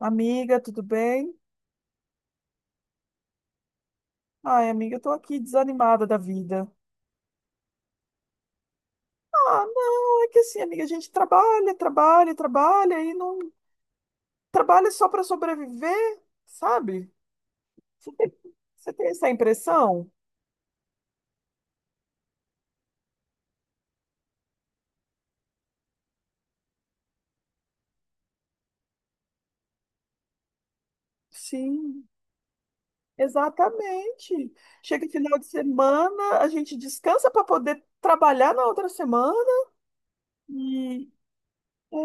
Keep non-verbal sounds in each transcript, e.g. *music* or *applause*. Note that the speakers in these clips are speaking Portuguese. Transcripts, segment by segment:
Amiga, tudo bem? Ai, amiga, eu tô aqui desanimada da vida. Ah, não, é que assim, amiga, a gente trabalha, trabalha, trabalha e não trabalha só para sobreviver, sabe? Você tem, você tem essa impressão? Sim, exatamente. Chega final de semana, a gente descansa para poder trabalhar na outra semana e é,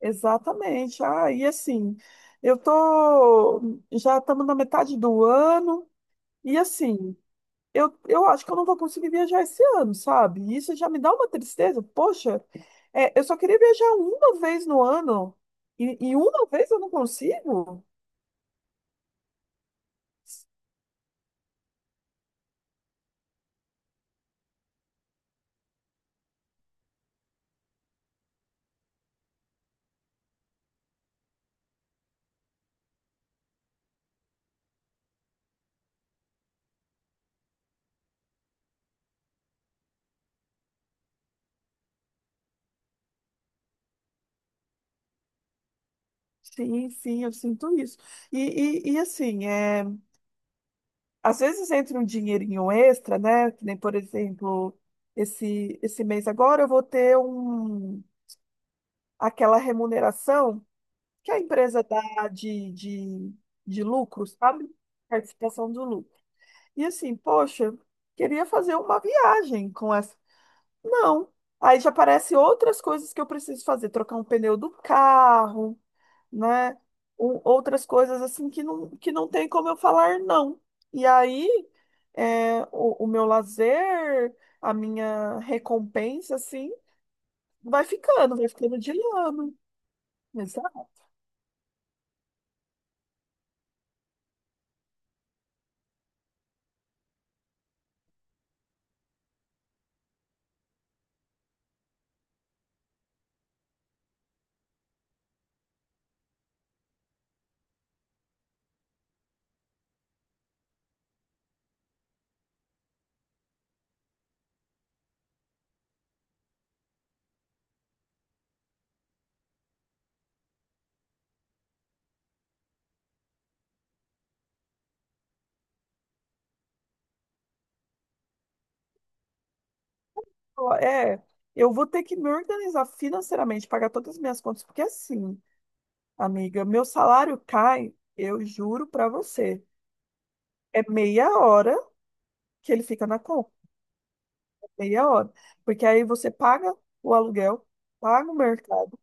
exatamente. Ah, e assim, eu tô já estamos na metade do ano e assim, eu acho que eu não vou conseguir viajar esse ano, sabe? E isso já me dá uma tristeza. Poxa, é, eu só queria viajar uma vez no ano e uma vez eu não consigo? Sim, sim, eu sinto isso. E, e assim, é, às vezes entra um dinheirinho extra, né? Que nem, por exemplo, esse mês agora eu vou ter um, aquela remuneração que a empresa dá de lucro, sabe? Participação do lucro. E assim, poxa, queria fazer uma viagem com essa. Não. Aí já aparecem outras coisas que eu preciso fazer, trocar um pneu do carro, né? Outras coisas assim que não tem como eu falar não. E aí, é, o meu lazer, a minha recompensa, assim, vai ficando de lado. Exato. É, eu vou ter que me organizar financeiramente, pagar todas as minhas contas, porque assim. Amiga, meu salário cai, eu juro pra você. É meia hora que ele fica na conta, meia hora. Porque aí você paga o aluguel, paga o mercado,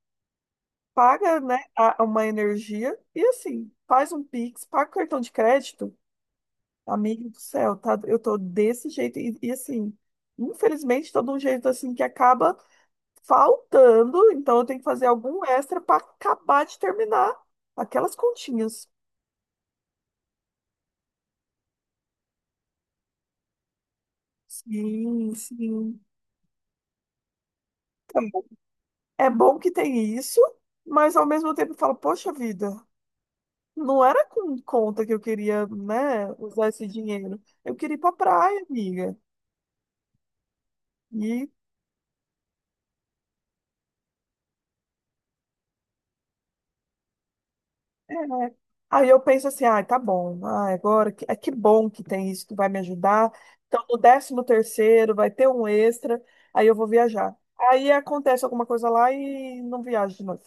paga, né, uma energia e assim, faz um Pix, paga o cartão de crédito. Amigo do céu, tá? Eu tô desse jeito e assim, infelizmente, tô de um jeito assim que acaba faltando, então eu tenho que fazer algum extra pra acabar de terminar aquelas continhas. Sim, sim. É bom que tem isso, mas ao mesmo tempo eu falo, poxa vida, não era com conta que eu queria, né, usar esse dinheiro. Eu queria ir pra praia, amiga. E é, aí eu penso assim, ah, tá bom, ah, agora que, é que bom que tem isso que vai me ajudar. Então, no décimo terceiro vai ter um extra, aí eu vou viajar. Aí acontece alguma coisa lá e não viajo de novo.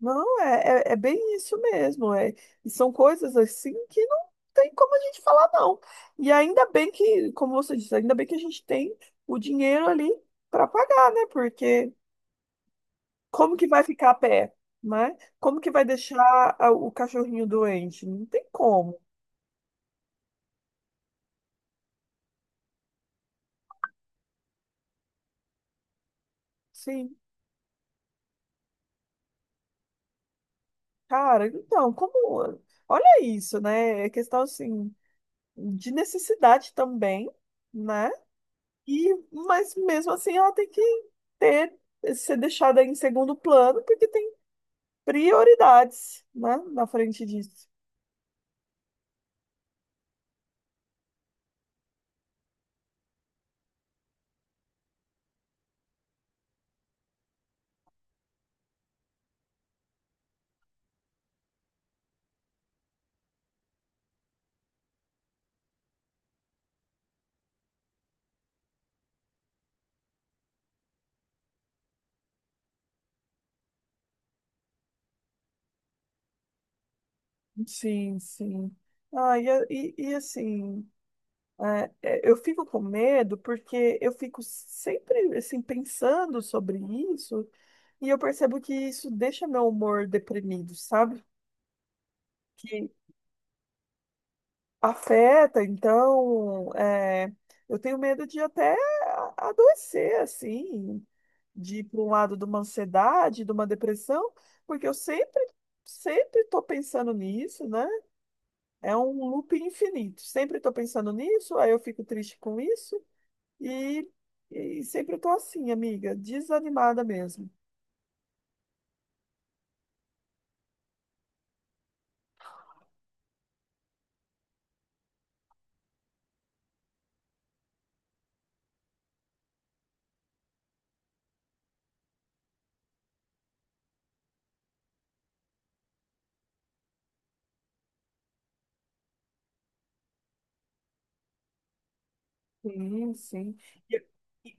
Não, é, é, é bem isso mesmo. É, e são coisas assim que não tem como a gente falar, não. E ainda bem que, como você disse, ainda bem que a gente tem o dinheiro ali para pagar, né? Porque como que vai ficar a pé, né? Como que vai deixar o cachorrinho doente? Não tem como. Sim, cara, então, como. Olha isso, né? É questão assim de necessidade também, né? E, mas mesmo assim ela tem que ter, ser deixada em segundo plano, porque tem prioridades, né, na frente disso. Sim, sim. Ah, e, e assim, é, é, eu fico com medo porque eu fico sempre assim pensando sobre isso e eu percebo que isso deixa meu humor deprimido, sabe? Afeta, então, é, eu tenho medo de até adoecer, assim, de ir para um lado de uma ansiedade, de uma depressão, porque eu sempre, sempre estou pensando nisso, né? É um loop infinito. Sempre estou pensando nisso, aí eu fico triste com isso, e, e sempre estou assim, amiga, desanimada mesmo. Sim, sim. E e-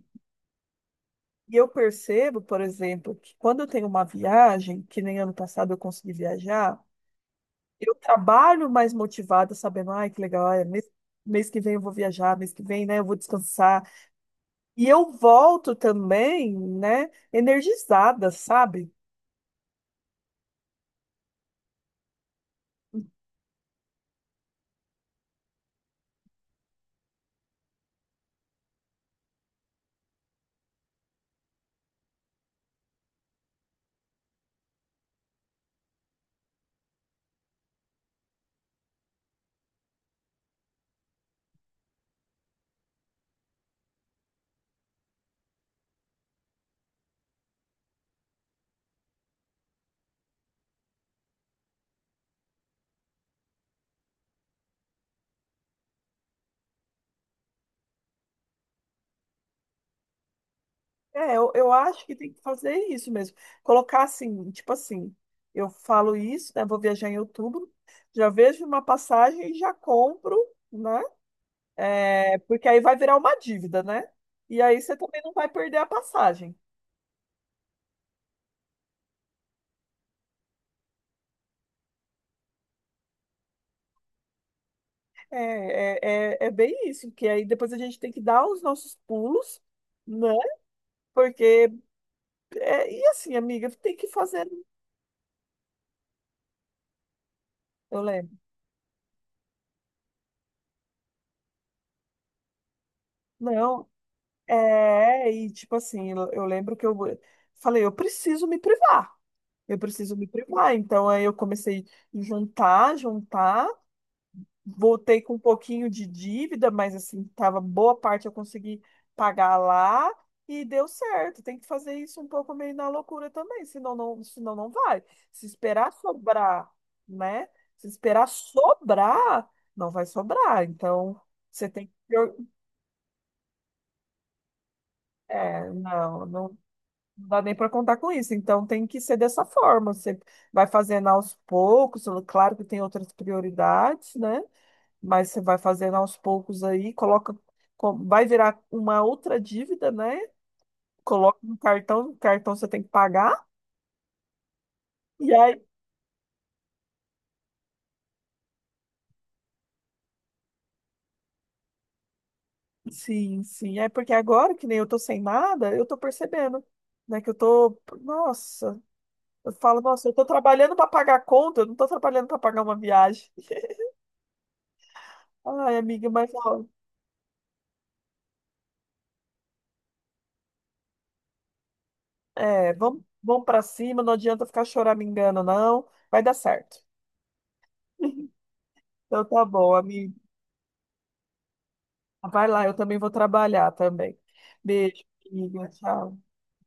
e eu percebo, por exemplo, que quando eu tenho uma viagem, que nem ano passado eu consegui viajar, eu trabalho mais motivada, sabendo, ai, que legal, olha, mês que vem eu vou viajar, mês que vem, né, eu vou descansar. E eu volto também, né, energizada, sabe? É, eu acho que tem que fazer isso mesmo. Colocar assim, tipo assim, eu falo isso, né, vou viajar em outubro, já vejo uma passagem e já compro, né? É, porque aí vai virar uma dívida, né? E aí você também não vai perder a passagem. É, bem isso, porque aí depois a gente tem que dar os nossos pulos, né? Porque, é, e assim, amiga, tem que fazer, eu lembro. Não, é, e tipo assim, eu lembro que eu falei, eu preciso me privar, eu preciso me privar. Então aí eu comecei a juntar, juntar. Voltei com um pouquinho de dívida, mas assim, tava boa parte eu consegui pagar lá e deu certo. Tem que fazer isso um pouco meio na loucura também, senão não vai. Se esperar sobrar, né? Se esperar sobrar, não vai sobrar. Então, você tem que. É, não, não dá nem para contar com isso. Então, tem que ser dessa forma. Você vai fazendo aos poucos, claro que tem outras prioridades, né? Mas você vai fazendo aos poucos aí, coloca, vai virar uma outra dívida, né? Coloca no cartão, no cartão você tem que pagar. E aí, sim, sim, é porque agora que nem eu tô sem nada, eu tô percebendo, né, que eu tô, nossa, eu falo, nossa, eu tô trabalhando para pagar a conta, eu não tô trabalhando para pagar uma viagem. Ai, amiga, mas ó, é, vamos, vamos para cima, não adianta ficar choramingando, não, vai dar certo. *laughs* Então tá bom, amiga. Vai lá, eu também vou trabalhar também. Beijo, amiga. Tchau.